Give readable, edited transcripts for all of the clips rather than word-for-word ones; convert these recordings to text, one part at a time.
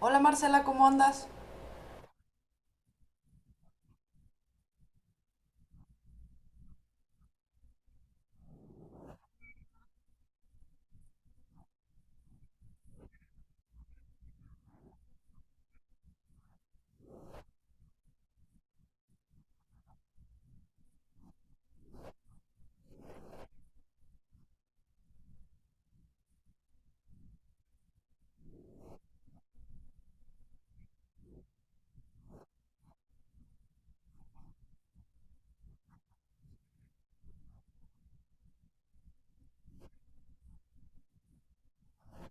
Hola Marcela, ¿cómo andas?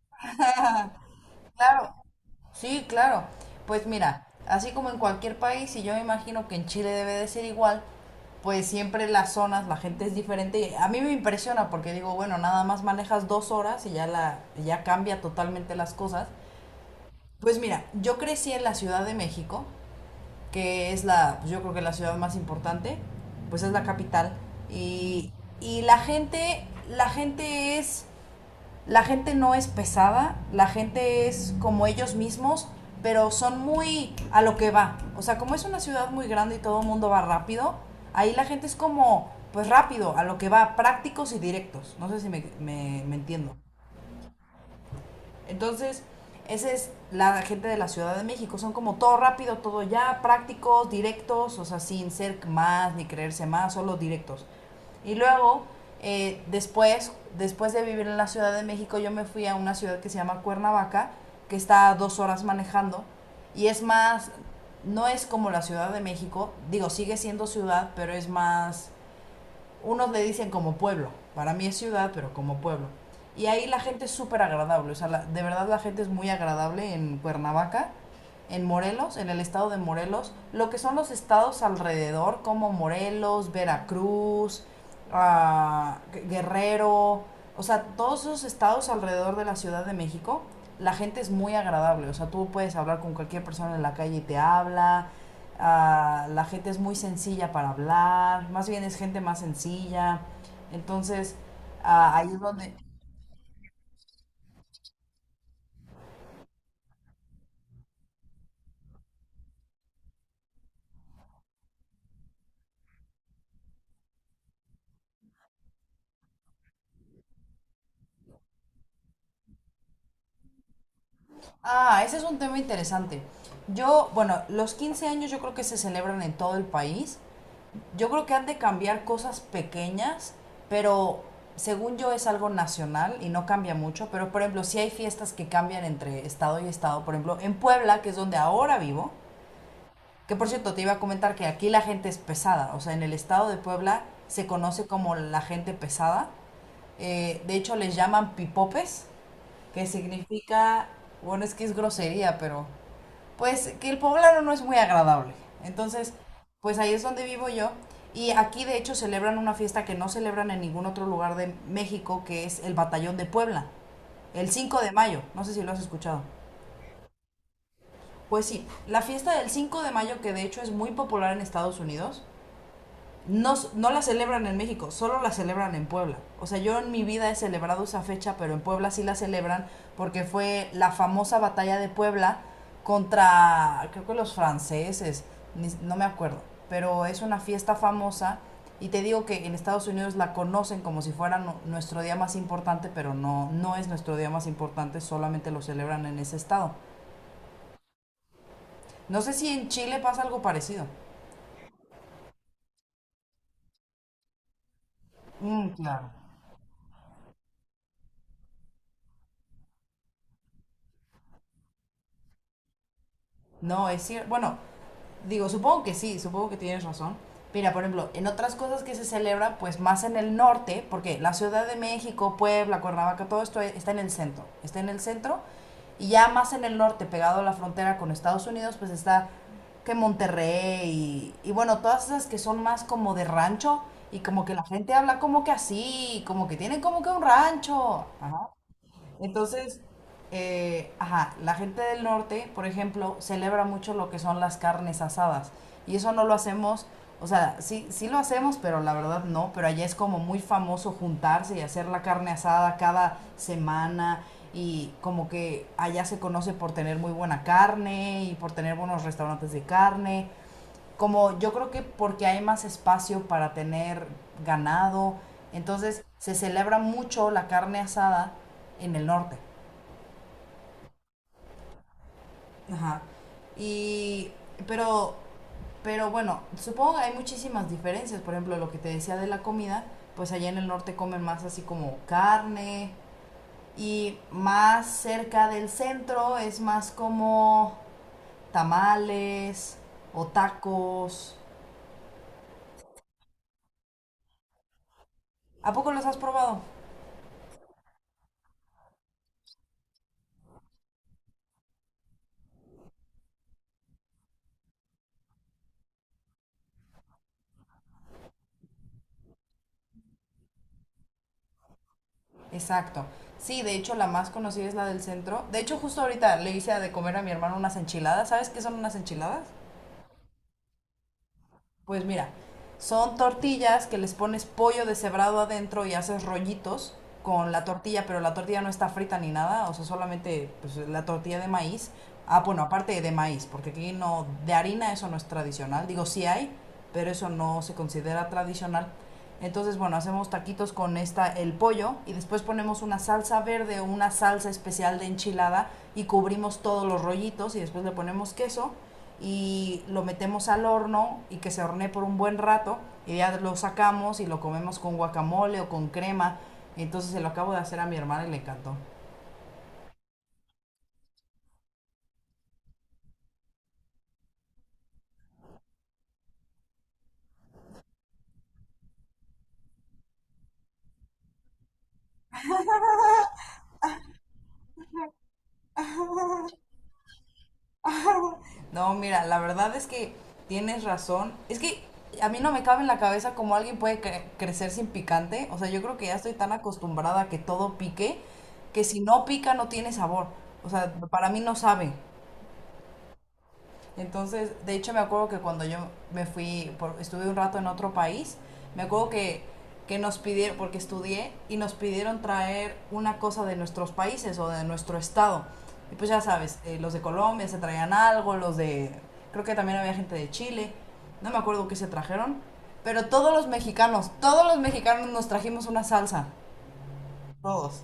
Claro, sí, claro. Pues mira, así como en cualquier país, y yo me imagino que en Chile debe de ser igual, pues siempre las zonas, la gente es diferente. Y a mí me impresiona porque digo, bueno, nada más manejas 2 horas y ya cambia totalmente las cosas. Pues mira, yo crecí en la Ciudad de México, que es pues yo creo que la ciudad más importante, pues es la capital. Y, y la gente es la gente no es pesada, la gente es como ellos mismos, pero son muy a lo que va. O sea, como es una ciudad muy grande y todo el mundo va rápido, ahí la gente es como, pues rápido, a lo que va, prácticos y directos. No sé si me entiendo. Entonces, esa es la gente de la Ciudad de México. Son como todo rápido, todo ya, prácticos, directos, o sea, sin ser más ni creerse más, solo directos. Y luego, eh, después, después de vivir en la Ciudad de México, yo me fui a una ciudad que se llama Cuernavaca, que está a 2 horas manejando. Y es más, no es como la Ciudad de México, digo, sigue siendo ciudad, pero es más, unos le dicen como pueblo, para mí es ciudad, pero como pueblo. Y ahí la gente es súper agradable, o sea, de verdad la gente es muy agradable en Cuernavaca, en Morelos, en el estado de Morelos, lo que son los estados alrededor, como Morelos, Veracruz, ah, Guerrero, o sea, todos esos estados alrededor de la Ciudad de México, la gente es muy agradable. O sea, tú puedes hablar con cualquier persona en la calle y te habla. La gente es muy sencilla para hablar. Más bien es gente más sencilla. Entonces, ahí es donde… Ah, ese es un tema interesante. Yo, bueno, los 15 años yo creo que se celebran en todo el país. Yo creo que han de cambiar cosas pequeñas, pero según yo es algo nacional y no cambia mucho, pero por ejemplo, sí hay fiestas que cambian entre estado y estado. Por ejemplo, en Puebla, que es donde ahora vivo, que por cierto te iba a comentar que aquí la gente es pesada, o sea, en el estado de Puebla se conoce como la gente pesada. De hecho, les llaman pipopes, que significa, bueno, es que es grosería, pero pues que el poblano no es muy agradable. Entonces, pues ahí es donde vivo yo. Y aquí de hecho celebran una fiesta que no celebran en ningún otro lugar de México, que es el Batallón de Puebla, el 5 de mayo. No sé si lo has escuchado. Pues sí, la fiesta del 5 de mayo, que de hecho es muy popular en Estados Unidos, no, no la celebran en México, solo la celebran en Puebla. O sea, yo en mi vida he celebrado esa fecha, pero en Puebla sí la celebran porque fue la famosa batalla de Puebla contra, creo que los franceses, no me acuerdo, pero es una fiesta famosa y te digo que en Estados Unidos la conocen como si fuera nuestro día más importante, pero no, no es nuestro día más importante, solamente lo celebran en ese estado. No sé si en Chile pasa algo parecido. Mm, claro. No, es cierto. Bueno, digo, supongo que sí, supongo que tienes razón. Mira, por ejemplo, en otras cosas que se celebra, pues más en el norte, porque la Ciudad de México, Puebla, Cuernavaca, todo esto está en el centro, y ya más en el norte, pegado a la frontera con Estados Unidos, pues está que Monterrey, y bueno, todas esas que son más como de rancho, y como que la gente habla como que así, como que tienen como que un rancho. Entonces, ajá, la gente del norte, por ejemplo, celebra mucho lo que son las carnes asadas. Y eso no lo hacemos, o sea, sí, sí lo hacemos, pero la verdad no. Pero allá es como muy famoso juntarse y hacer la carne asada cada semana. Y como que allá se conoce por tener muy buena carne y por tener buenos restaurantes de carne. Como yo creo que porque hay más espacio para tener ganado, entonces se celebra mucho la carne asada en el norte. Ajá. Y, pero, pero bueno, supongo que hay muchísimas diferencias. Por ejemplo, lo que te decía de la comida, pues allá en el norte comen más así como carne y más cerca del centro es más como tamales o tacos. ¿A poco los has probado? Exacto. Sí, de hecho la más conocida es la del centro. De hecho, justo ahorita le hice de comer a mi hermano unas enchiladas. ¿Sabes qué son unas enchiladas? Pues mira, son tortillas que les pones pollo deshebrado adentro y haces rollitos con la tortilla, pero la tortilla no está frita ni nada, o sea, solamente pues, la tortilla de maíz. Ah, bueno, aparte de maíz, porque aquí no, de harina eso no es tradicional. Digo, sí hay, pero eso no se considera tradicional. Entonces, bueno, hacemos taquitos con esta el pollo y después ponemos una salsa verde o una salsa especial de enchilada y cubrimos todos los rollitos y después le ponemos queso y lo metemos al horno y que se hornee por un buen rato y ya lo sacamos y lo comemos con guacamole o con crema. Entonces se lo acabo de hacer a mi hermana y le encantó. No, mira, la verdad es que tienes razón. Es que a mí no me cabe en la cabeza cómo alguien puede crecer sin picante. O sea, yo creo que ya estoy tan acostumbrada a que todo pique que si no pica no tiene sabor. O sea, para mí no sabe. Entonces, de hecho me acuerdo que cuando yo me fui, estuve un rato en otro país, me acuerdo que nos pidieron, porque estudié, y nos pidieron traer una cosa de nuestros países o de nuestro estado. Y pues ya sabes, los de Colombia se traían algo, los de, creo que también había gente de Chile, no me acuerdo qué se trajeron, pero todos los mexicanos nos trajimos una salsa, todos.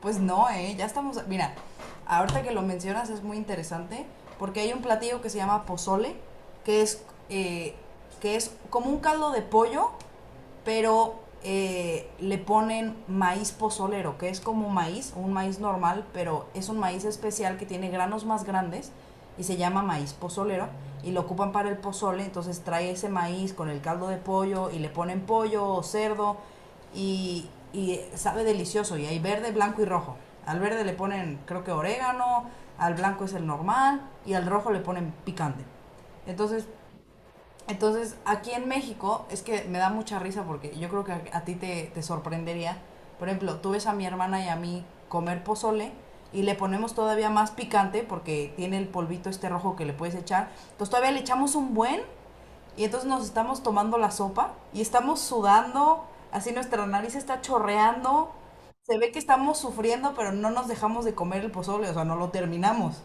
Pues no, ¿eh? Ya estamos… Mira, ahorita que lo mencionas es muy interesante porque hay un platillo que se llama pozole, que es, eh, que es como un caldo de pollo pero le ponen maíz pozolero, que es como maíz, un maíz normal, pero es un maíz especial que tiene granos más grandes y se llama maíz pozolero y lo ocupan para el pozole, entonces trae ese maíz con el caldo de pollo y le ponen pollo o cerdo y sabe delicioso y hay verde, blanco y rojo. Al verde le ponen creo que orégano, al blanco es el normal y al rojo le ponen picante. Entonces entonces, aquí en México, es que me da mucha risa porque yo creo que a ti te sorprendería. Por ejemplo, tú ves a mi hermana y a mí comer pozole y le ponemos todavía más picante porque tiene el polvito este rojo que le puedes echar. Entonces todavía le echamos un buen y entonces nos estamos tomando la sopa y estamos sudando, así nuestra nariz está chorreando. Se ve que estamos sufriendo, pero no nos dejamos de comer el pozole, o sea, no lo terminamos.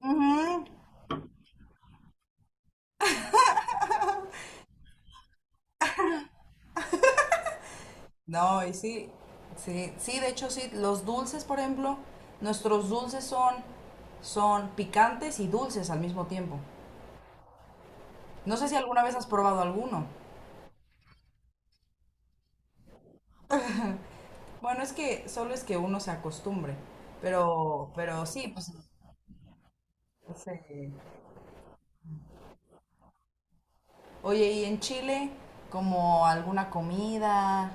Ujú. No, y sí, sí, sí, de hecho sí, los dulces, por ejemplo, nuestros dulces son, son picantes y dulces al mismo tiempo. No sé si alguna vez has probado alguno. Bueno, es que solo es que uno se acostumbre, pero sí, pues, sí. Oye, ¿y en Chile como alguna comida?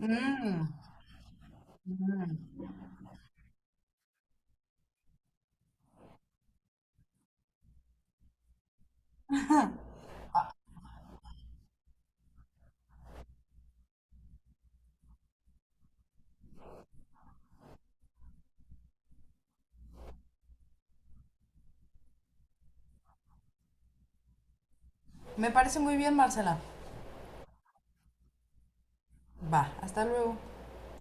Mm, me parece muy bien, Marcela. Va, hasta luego.